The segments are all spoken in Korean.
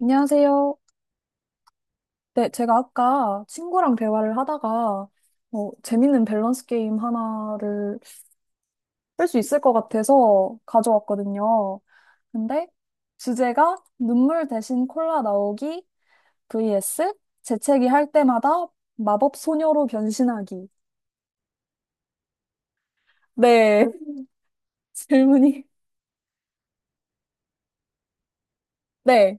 안녕하세요. 네, 제가 아까 친구랑 대화를 하다가 재밌는 밸런스 게임 하나를 할 수 있을 것 같아서 가져왔거든요. 근데 주제가 눈물 대신 콜라 나오기 vs 재채기 할 때마다 마법 소녀로 변신하기. 네, 질문이. 네,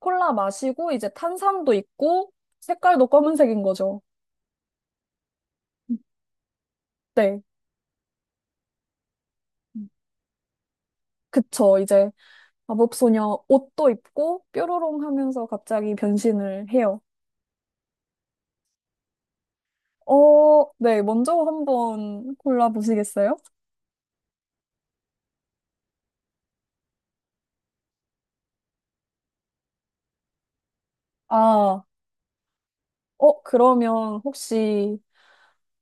콜라 마시고 이제 탄산도 있고 색깔도 검은색인 거죠. 네, 그쵸. 이제 마법소녀 옷도 입고 뾰로롱 하면서 갑자기 변신을 해요. 네, 먼저 한번 골라보시겠어요? 아, 그러면 혹시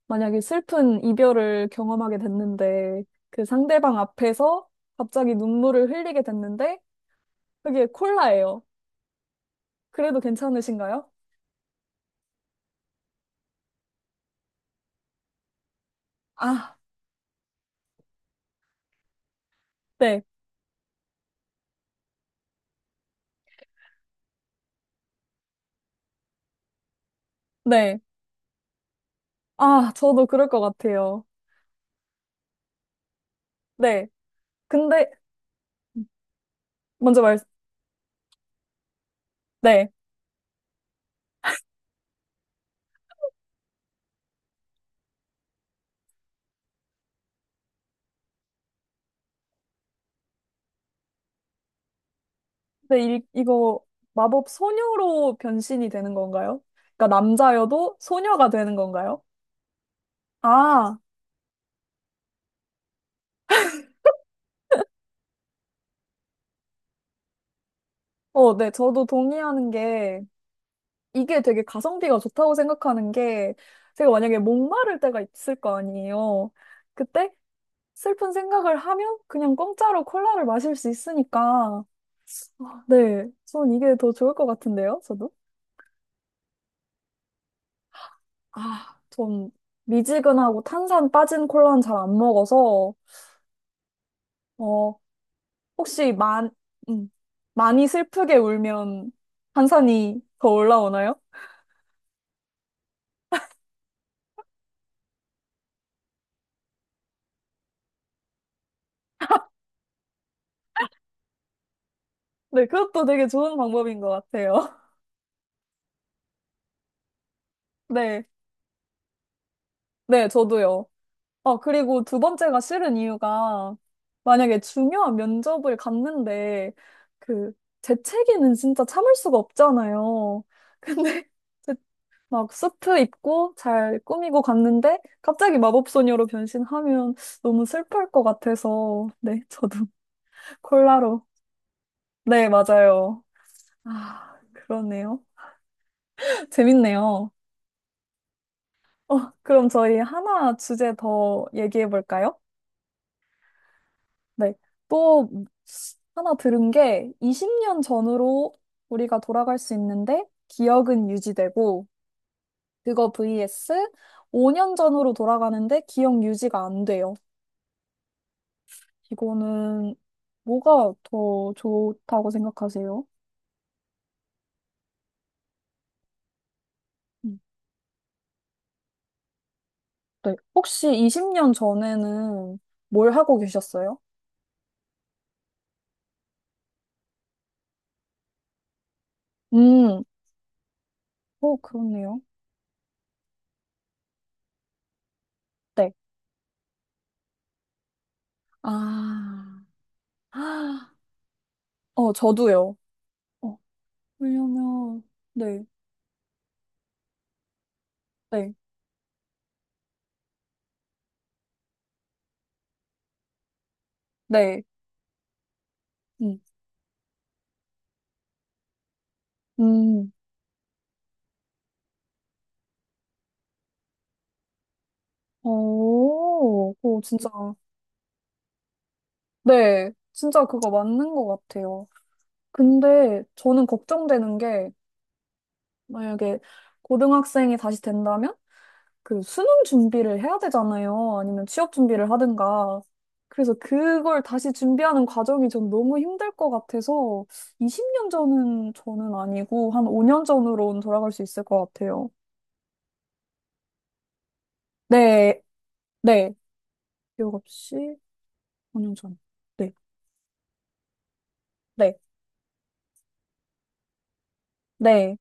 만약에 슬픈 이별을 경험하게 됐는데 그 상대방 앞에서 갑자기 눈물을 흘리게 됐는데 그게 콜라예요. 그래도 괜찮으신가요? 아, 네, 네. 아, 저도 그럴 것 같아요. 네. 근데 먼저 말, 네. 근데 이거 마법 소녀로 변신이 되는 건가요? 그러니까 남자여도 소녀가 되는 건가요? 아, 네, 저도 동의하는 게 이게 되게 가성비가 좋다고 생각하는 게 제가 만약에 목마를 때가 있을 거 아니에요. 그때 슬픈 생각을 하면 그냥 공짜로 콜라를 마실 수 있으니까 아, 네, 전 이게 더 좋을 것 같은데요, 저도? 아, 전 미지근하고 탄산 빠진 콜라는 잘 안 먹어서, 어, 혹시 만, 음, 많이 슬프게 울면 한산이 더 올라오나요? 네, 그것도 되게 좋은 방법인 것 같아요. 네, 네, 저도요. 아, 그리고 두 번째가 싫은 이유가 만약에 중요한 면접을 갔는데 그 재채기는 진짜 참을 수가 없잖아요. 근데 제- 막 수트 입고 잘 꾸미고 갔는데 갑자기 마법소녀로 변신하면 너무 슬플 것 같아서 네, 저도 콜라로. 네, 맞아요. 아, 그러네요. 재밌네요. 어, 그럼 저희 하나 주제 더 얘기해 볼까요? 네. 또 하나 들은 게 20년 전으로 우리가 돌아갈 수 있는데 기억은 유지되고 그거 vs 5년 전으로 돌아가는데 기억 유지가 안 돼요. 이거는 뭐가 더 좋다고 생각하세요? 음, 네. 혹시 20년 전에는 뭘 하고 계셨어요? 음. 오, 그렇네요. 네. 아, 아, 어, 저도요. 어, 왜냐면, 네, 네, 네, 음, 음, 오, 오, 진짜, 네, 진짜 그거 맞는 것 같아요. 근데 저는 걱정되는 게, 만약에 고등학생이 다시 된다면? 그 수능 준비를 해야 되잖아요. 아니면 취업 준비를 하든가. 그래서 그걸 다시 준비하는 과정이 전 너무 힘들 것 같아서 20년 전은 저는 아니고 한 5년 전으로는 돌아갈 수 있을 것 같아요. 네, 네. 기억 없이 5년 전. 네, 네, 네,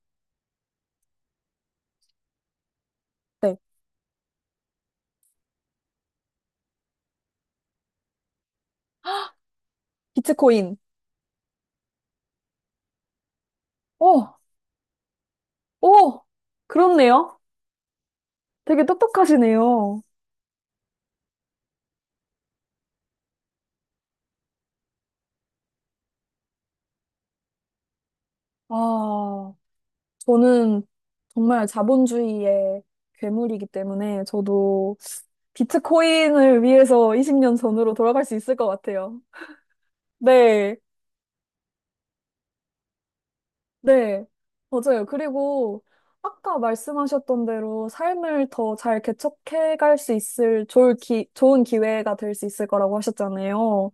네. 비트코인. 오, 오! 그렇네요. 되게 똑똑하시네요. 아. 저는 정말 자본주의의 괴물이기 때문에 저도 비트코인을 위해서 20년 전으로 돌아갈 수 있을 것 같아요. 네, 네, 맞아요. 그리고 아까 말씀하셨던 대로 삶을 더 잘 개척해 갈 수 있을 좋은 기회가 될 수 있을 거라고 하셨잖아요.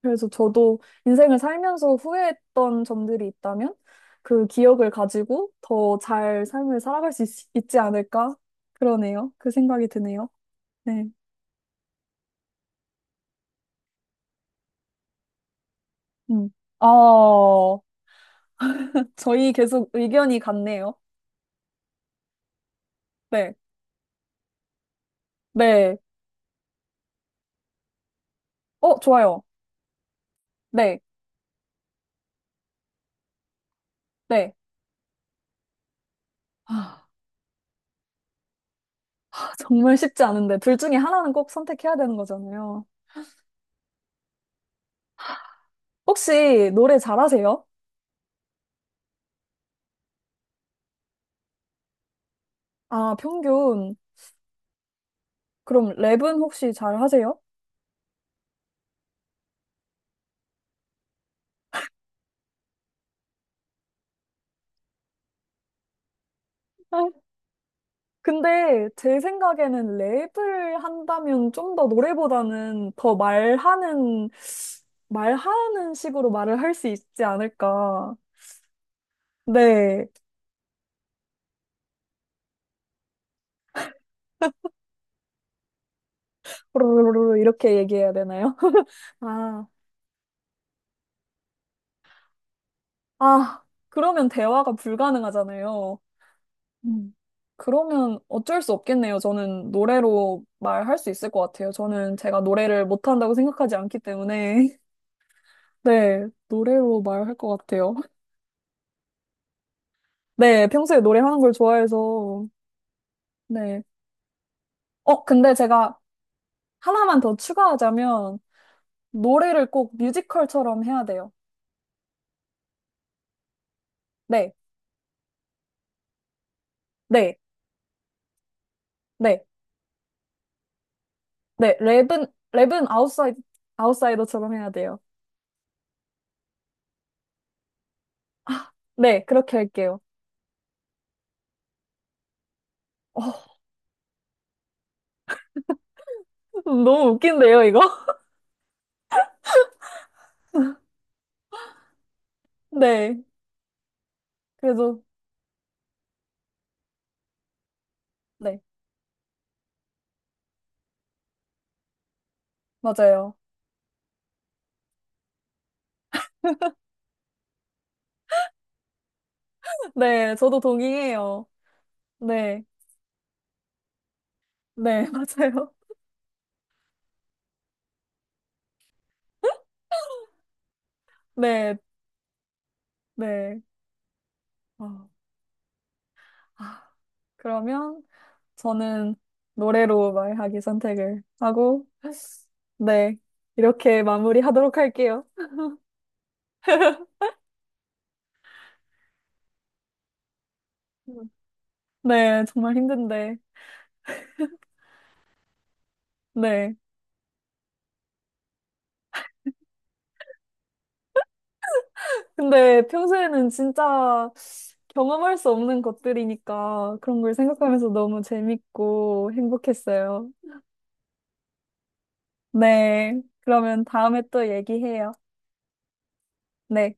그래서 저도 인생을 살면서 후회했던 점들이 있다면 그 기억을 가지고 더 잘 삶을 살아갈 수 있지 않을까? 그러네요. 그 생각이 드네요. 네. 음. 아, 저희 계속 의견이 같네요. 네. 네. 어, 좋아요. 네. 네. 아, 정말 쉽지 않은데. 둘 중에 하나는 꼭 선택해야 되는 거잖아요. 혹시 노래 잘하세요? 아, 평균. 그럼 랩은 혹시 잘하세요? 근데 제 생각에는 랩을 한다면 좀 더 노래보다는 더 말하는, 말하는 식으로 말을 할 수 있지 않을까. 네. 뽀로로로로 이렇게 얘기해야 되나요? 아, 아, 그러면 대화가 불가능하잖아요. 음. 그러면 어쩔 수 없겠네요. 저는 노래로 말할 수 있을 것 같아요. 저는 제가 노래를 못한다고 생각하지 않기 때문에. 네, 노래로 말할 것 같아요. 네, 평소에 노래하는 걸 좋아해서, 네. 어, 근데 제가 하나만 더 추가하자면, 노래를 꼭 뮤지컬처럼 해야 돼요. 네, 네, 네, 네. 랩은 아웃사이더처럼 해야 돼요. 네, 그렇게 할게요. 어, 너무 웃긴데요, 이거? 네, 그래도, 네, 맞아요. 네, 저도 동의해요. 네, 네, 맞아요. 네, 네. 어, 아, 그러면, 저는 노래로 말하기 선택을 하고, 네. 이렇게 마무리하도록 할게요. 네, 정말 힘든데. 네. 근데 평소에는 진짜 경험할 수 없는 것들이니까 그런 걸 생각하면서 너무 재밌고 행복했어요. 네. 그러면 다음에 또 얘기해요. 네.